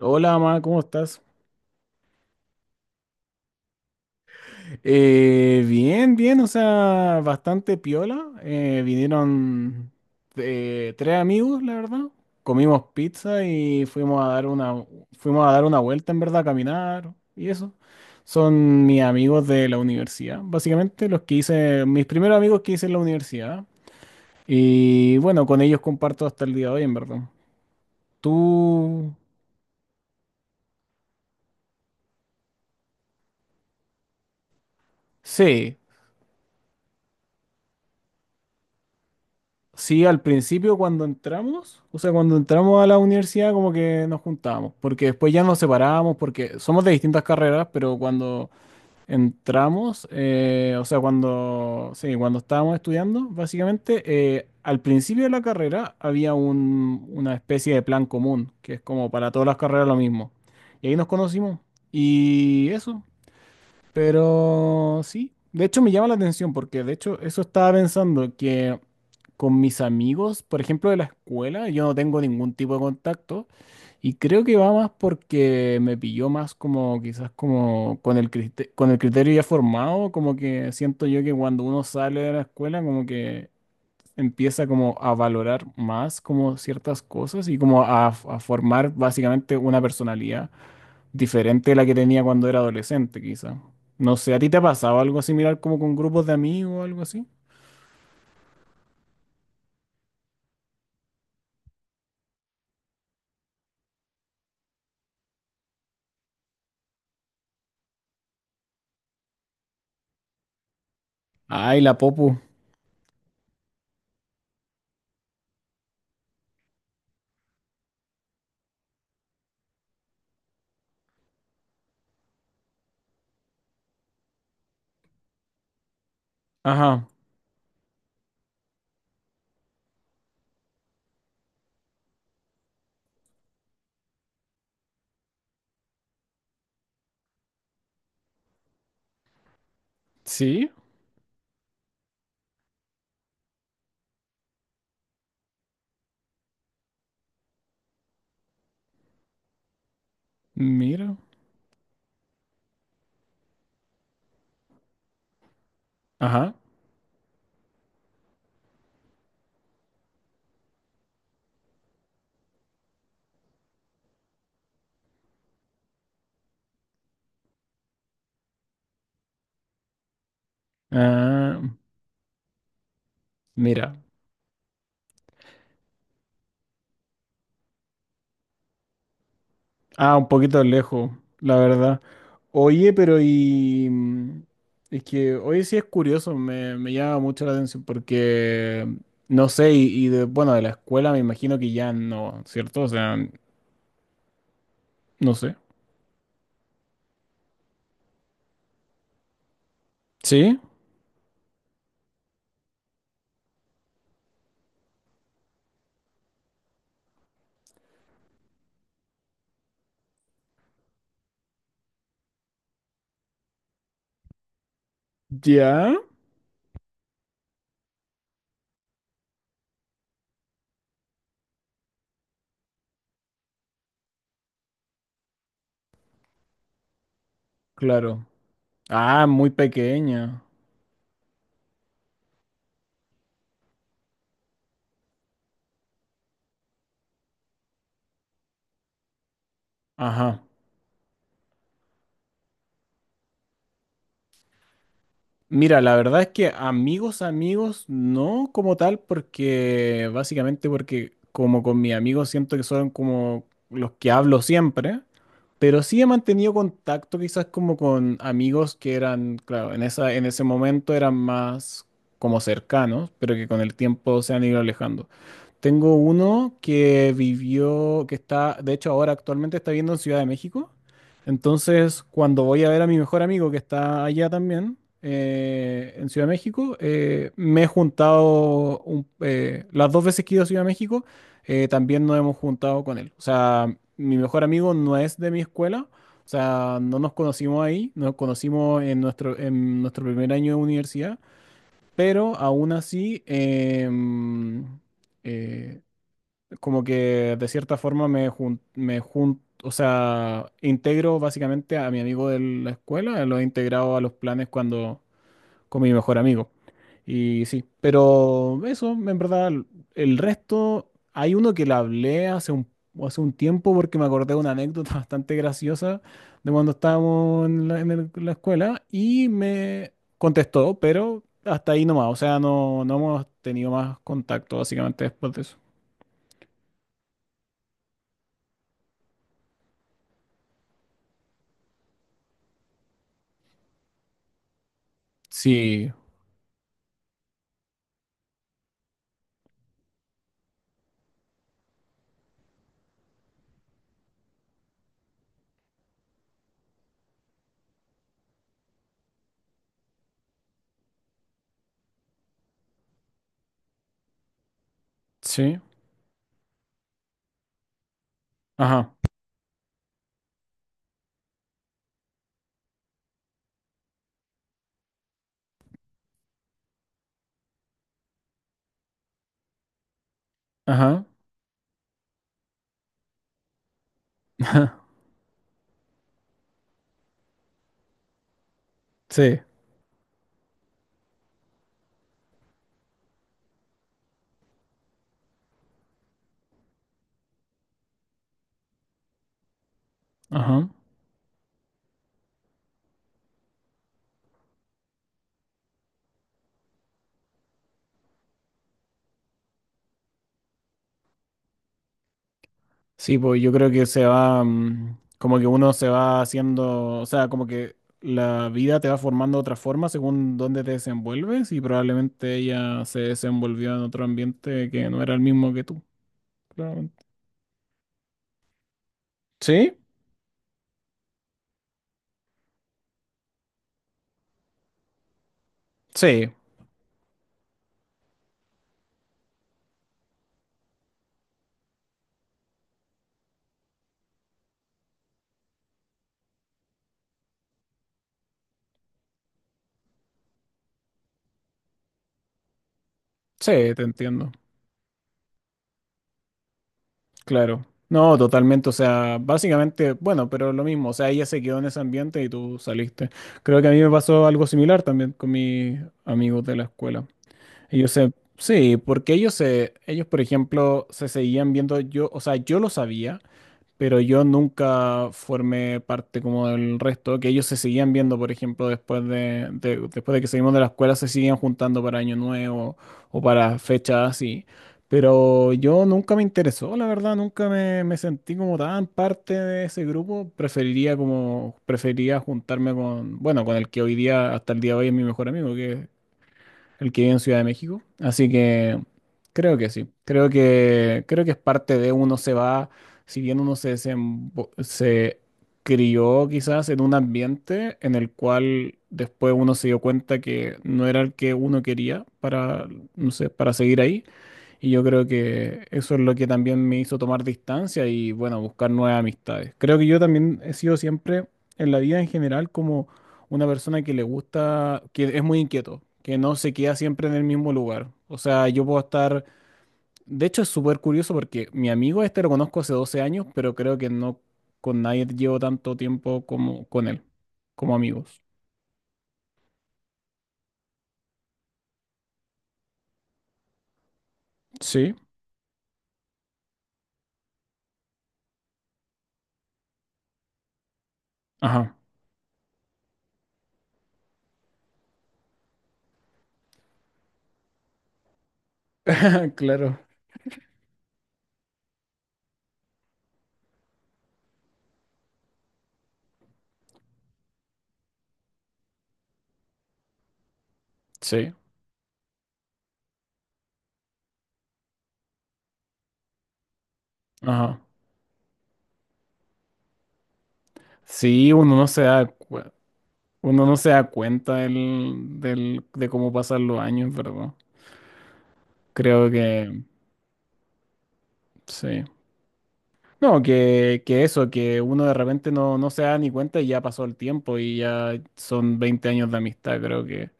Hola, ma, ¿cómo estás? Bien, bien, o sea, bastante piola. Vinieron tres amigos, la verdad. Comimos pizza y fuimos a dar fuimos a dar una vuelta, en verdad, a caminar y eso. Son mis amigos de la universidad, básicamente los que hice, mis primeros amigos que hice en la universidad. Y bueno, con ellos comparto hasta el día de hoy, en verdad. Tú, sí. Sí, al principio cuando entramos, o sea, cuando entramos a la universidad como que nos juntábamos, porque después ya nos separábamos, porque somos de distintas carreras, pero cuando entramos, o sea, cuando, sí, cuando estábamos estudiando, básicamente, al principio de la carrera había una especie de plan común, que es como para todas las carreras lo mismo. Y ahí nos conocimos. Y eso, pero sí, de hecho me llama la atención porque de hecho eso estaba pensando que con mis amigos, por ejemplo, de la escuela, yo no tengo ningún tipo de contacto y creo que va más porque me pilló más como quizás como con el con el criterio ya formado, como que siento yo que cuando uno sale de la escuela como que empieza como a valorar más como ciertas cosas y como a formar básicamente una personalidad diferente de la que tenía cuando era adolescente, quizá. No sé, ¿a ti te ha pasado algo similar como con grupos de amigos o algo así? Ay, la Popu. Ajá. Sí, mira. Ajá. Ah, mira. Ah, un poquito lejos, la verdad. Oye, pero y... mm, es que hoy sí es curioso, me llama mucho la atención porque, no sé, y de, bueno, de la escuela me imagino que ya no, ¿cierto? O sea, no sé. ¿Sí? ¿Ya? Claro. Ah, muy pequeña. Ajá. Mira, la verdad es que amigos, amigos, no como tal, porque básicamente porque como con mis amigos siento que son como los que hablo siempre, pero sí he mantenido contacto quizás como con amigos que eran, claro, en esa, en ese momento eran más como cercanos, pero que con el tiempo se han ido alejando. Tengo uno que vivió, que está, de hecho ahora actualmente está viviendo en Ciudad de México. Entonces, cuando voy a ver a mi mejor amigo que está allá también, en Ciudad de México, me he juntado las dos veces que he ido a Ciudad de México, también nos hemos juntado con él. O sea, mi mejor amigo no es de mi escuela, o sea, no nos conocimos ahí, nos conocimos en en nuestro primer año de universidad, pero aún así... eh, como que de cierta forma o sea, integro básicamente a mi amigo de la escuela, lo he integrado a los planes cuando con mi mejor amigo. Y sí, pero eso, en verdad, el resto, hay uno que le hablé hace un tiempo porque me acordé de una anécdota bastante graciosa de cuando estábamos en la escuela y me contestó, pero hasta ahí nomás, o sea, no, no hemos tenido más contacto básicamente después de eso. Sí, sí, ajá, ajá, sí, ajá. Sí, pues yo creo que se va, mm, como que uno se va haciendo, o sea, como que la vida te va formando de otra forma según dónde te desenvuelves y probablemente ella se desenvolvió en otro ambiente que no era el mismo que tú, claramente. Sí, sí, sí, te entiendo. Claro. No, totalmente. O sea, básicamente, bueno, pero lo mismo. O sea, ella se quedó en ese ambiente y tú saliste. Creo que a mí me pasó algo similar también con mis amigos de la escuela. Ellos se, sí, porque ellos, por ejemplo, se seguían viendo yo, o sea, yo lo sabía, pero yo nunca formé parte como del resto, que ellos se seguían viendo, por ejemplo, después de que salimos de la escuela, se seguían juntando para Año Nuevo o para fechas así. Pero yo nunca me interesó, la verdad, nunca me, me sentí como tan parte de ese grupo. Preferiría como, preferiría juntarme con, bueno, con el que hoy día, hasta el día de hoy es mi mejor amigo, que el que vive en Ciudad de México. Así que creo que sí. Creo que es parte de uno se va, si bien se crió quizás en un ambiente en el cual después uno se dio cuenta que no era el que uno quería para, no sé, para seguir ahí. Y yo creo que eso es lo que también me hizo tomar distancia y, bueno, buscar nuevas amistades. Creo que yo también he sido siempre, en la vida en general, como una persona que le gusta, que es muy inquieto, que no se queda siempre en el mismo lugar. O sea, yo puedo estar... De hecho, es súper curioso porque mi amigo este lo conozco hace 12 años, pero creo que no con nadie llevo tanto tiempo como con él, como amigos. Sí, ajá. Claro. Sí, ajá. Sí, uno no se da cuenta. Uno no se da cuenta de cómo pasan los años, ¿verdad? Creo que sí. No, que eso, que uno de repente no se da ni cuenta y ya pasó el tiempo y ya son 20 años de amistad, creo que.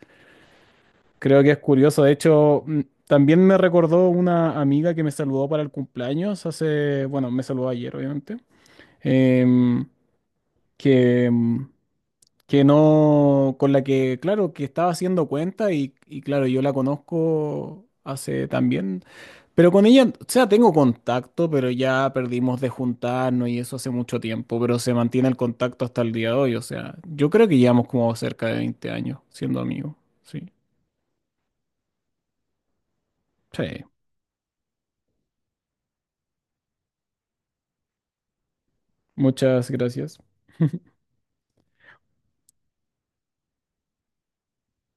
Creo que es curioso. De hecho, mm, también me recordó una amiga que me saludó para el cumpleaños hace, bueno, me saludó ayer, obviamente, em, que, mm, que no, con la que, claro, que estaba haciendo cuenta y claro, yo la conozco hace también, pero con ella, o sea, tengo contacto, pero ya perdimos de juntarnos y eso hace mucho tiempo, pero se mantiene el contacto hasta el día de hoy, o sea, yo creo que llevamos como cerca de 20 años siendo amigos, sí. Sí, muchas gracias.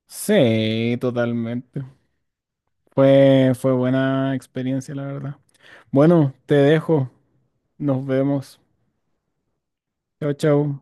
Sí, totalmente. Fue, fue buena experiencia, la verdad. Bueno, te dejo. Nos vemos. Chao, chao.